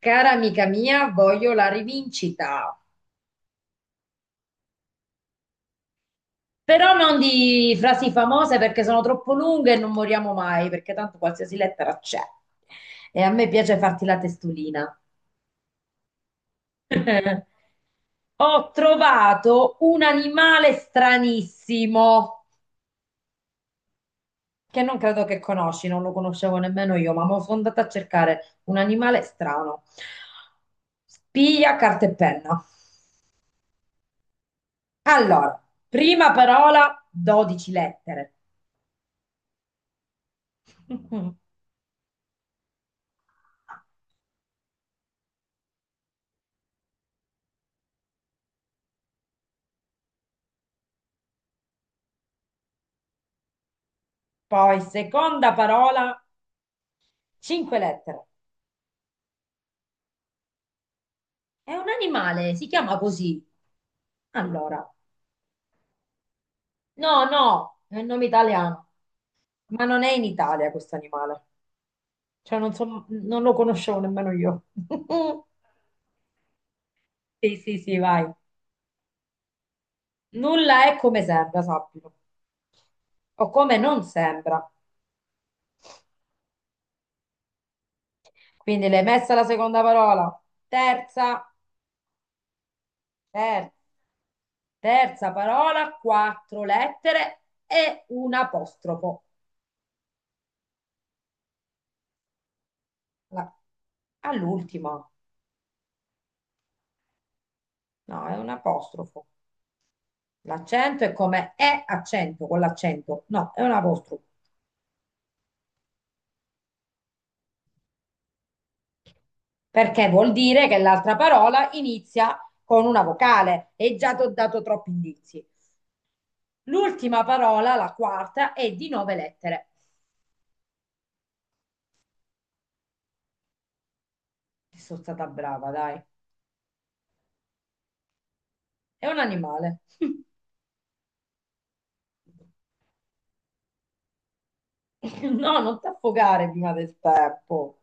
Cara amica mia, voglio la rivincita, però non di frasi famose perché sono troppo lunghe e non moriamo mai, perché tanto qualsiasi lettera c'è. E a me piace farti la testolina. Ho trovato un animale stranissimo che non credo che conosci, non lo conoscevo nemmeno io, ma mo sono andata a cercare un animale strano. Spia, carta e penna. Allora, prima parola, 12 lettere. Poi, seconda parola, cinque lettere. È un animale, si chiama così. Allora, no, no, è un nome italiano, ma non è in Italia questo animale. Cioè, non so, non lo conoscevo nemmeno io. Sì, sì, sì, vai. Nulla è come sembra, sappilo, o come non sembra. Quindi l'hai messa la seconda parola. Terza, ter- terza parola, quattro lettere e un apostrofo. La- All'ultima, no, è un apostrofo. L'accento è come è accento con l'accento, no, è un apostrofo. Perché vuol dire che l'altra parola inizia con una vocale e già ti ho dato troppi indizi. L'ultima parola, la quarta, è di nove lettere. Sono stata brava, dai. È un animale. No, non ti affogare prima del tempo.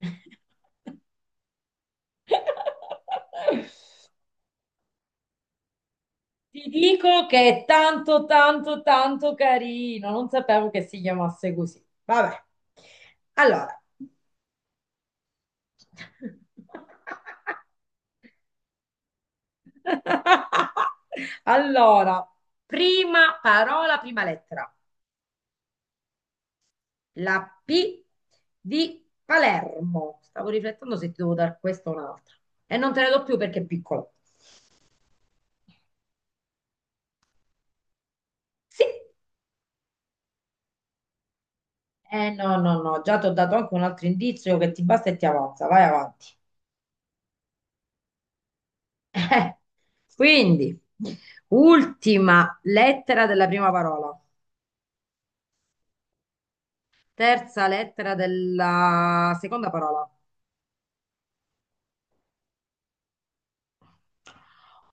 Ti dico che è tanto, tanto, tanto carino. Non sapevo che si chiamasse così. Vabbè. Allora. Allora, prima parola, prima lettera. La P di Palermo. Stavo riflettendo se ti devo dare questa o un'altra. E non te ne do più perché è piccola. Sì. Eh no, già ti ho dato anche un altro indizio che ti basta e ti avanza. Vai avanti. Eh, Quindi, ultima lettera della prima parola, terza lettera della seconda parola,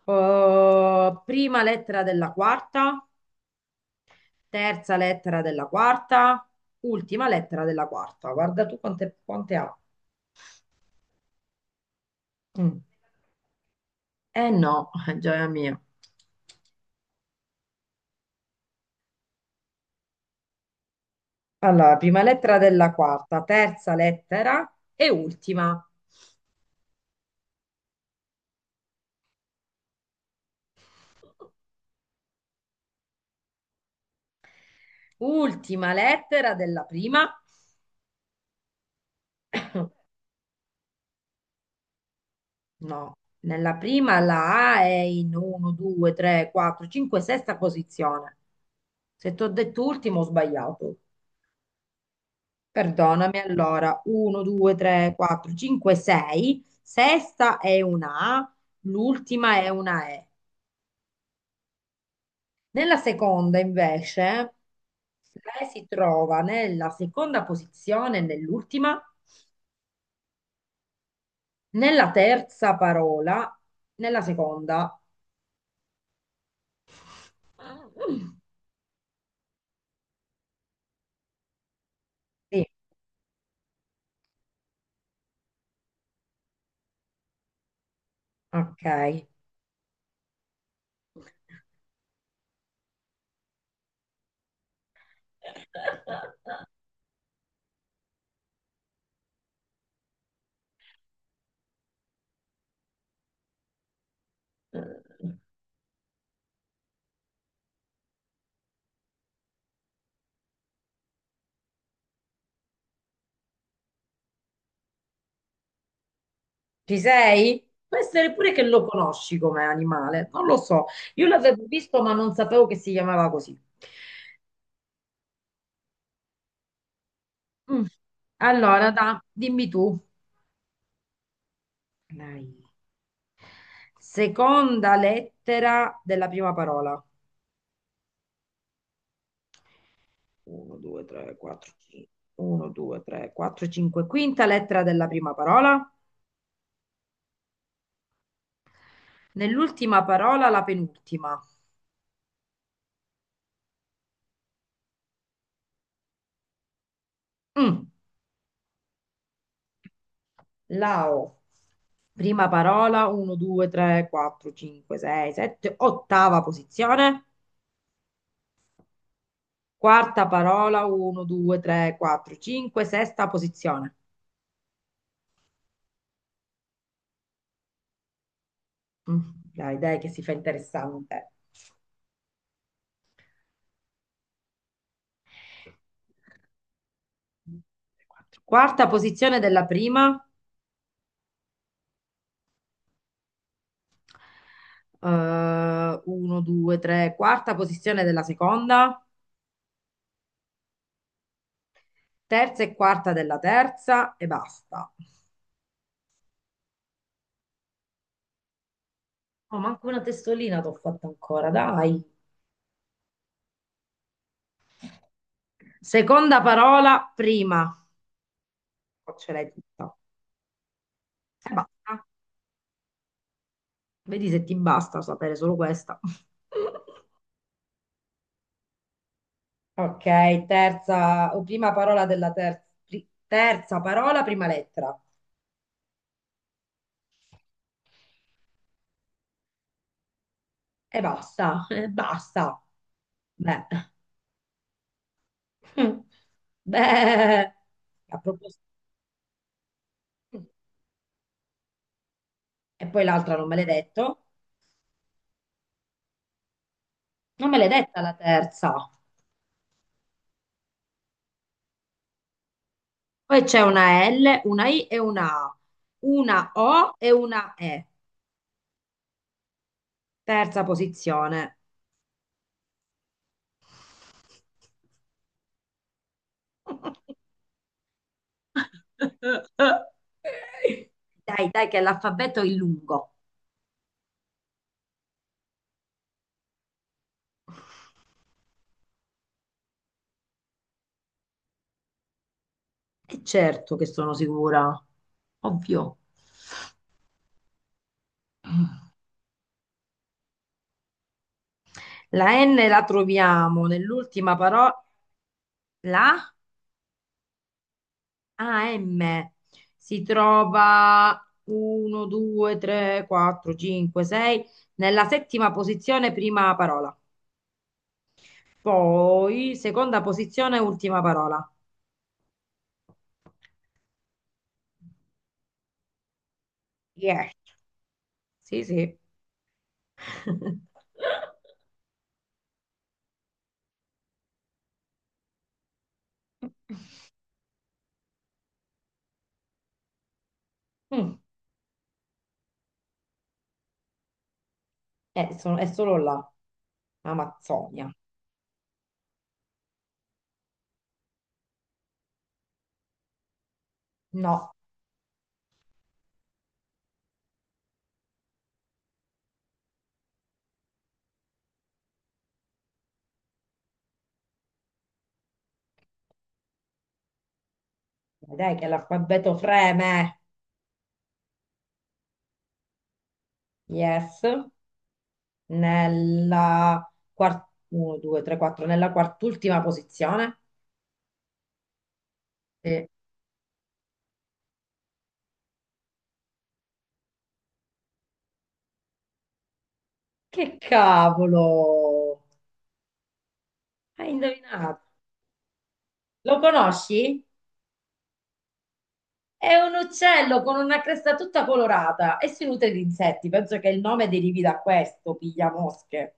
prima lettera della quarta, terza lettera della quarta, ultima lettera della quarta. Guarda tu quante ha. Mm. Eh no, gioia mia. Allora, prima lettera della quarta, terza lettera e ultima. Ultima lettera della prima. No, nella prima la A è in 1, 2, 3, 4, 5, sesta posizione. Se ti ho detto ultimo ho sbagliato. Perdonami allora. 1, 2, 3, 4, 5, 6. Sesta è una A, l'ultima è una E. Nella seconda invece, lei si trova nella seconda posizione, nell'ultima, nella terza parola, nella seconda. Sì, ok. Ci sei? Può essere pure che lo conosci come animale, non lo so. Io l'avevo visto, ma non sapevo che si chiamava così. Mm. Allora, dimmi tu. Dai. Seconda lettera della prima parola. 1, 2, 3, 4, 5. 1, 2, 3, 4, 5. Quinta lettera della prima parola. Nell'ultima parola, la penultima. Mm. Lao. Prima parola, 1, 2, 3, 4, 5, 6, 7, ottava posizione. Quarta parola, 1, 2, 3, 4, 5, sesta posizione. Mm. Dai, che si fa interessante. Quarta posizione della prima, 1, 2, 3, quarta posizione della seconda, terza e quarta della terza e basta. Oh, manco una testolina t'ho fatta ancora, dai. Seconda parola, prima. Oh, ce l'hai tutta. E basta. Vedi se ti basta sapere solo questa. Ok, terza o prima parola della terza, terza parola, prima lettera. E basta, e basta. Beh. Beh, a proposito, e poi l'altra non me l'hai detto? Non me l'hai detta la terza. Poi c'è una L, una I e una A, una O e una E. Terza posizione. Dai, che l'alfabeto è lungo. E certo che sono sicura, ovvio. La N la troviamo nell'ultima parola, la AM. Si trova 1, 2, 3, 4, 5, 6 nella settima posizione, prima parola. Poi seconda posizione, ultima parola. Yes. Sì, sì. Mm, è solo la Amazzonia. No, dai che l'alfabeto freme. Yes, nella uno, due, tre, quattro, nella quart'ultima posizione. Sì. Che cavolo! Hai indovinato. Lo conosci? È un uccello con una cresta tutta colorata e si nutre di insetti. Penso che il nome derivi da questo, piglia mosche.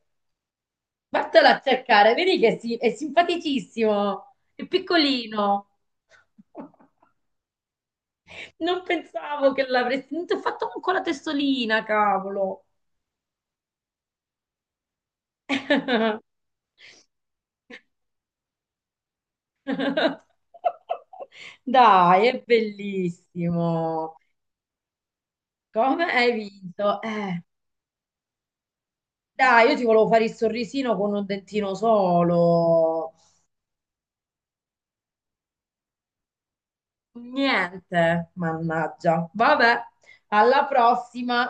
Vattelo a cercare, vedi che è simpaticissimo, è piccolino. Non pensavo che l'avresti... Non ti ho fatto manco la testolina, cavolo. Dai, è bellissimo. Come hai vinto? Dai, io ti volevo fare il sorrisino con un dentino solo. Niente, mannaggia. Vabbè, alla prossima.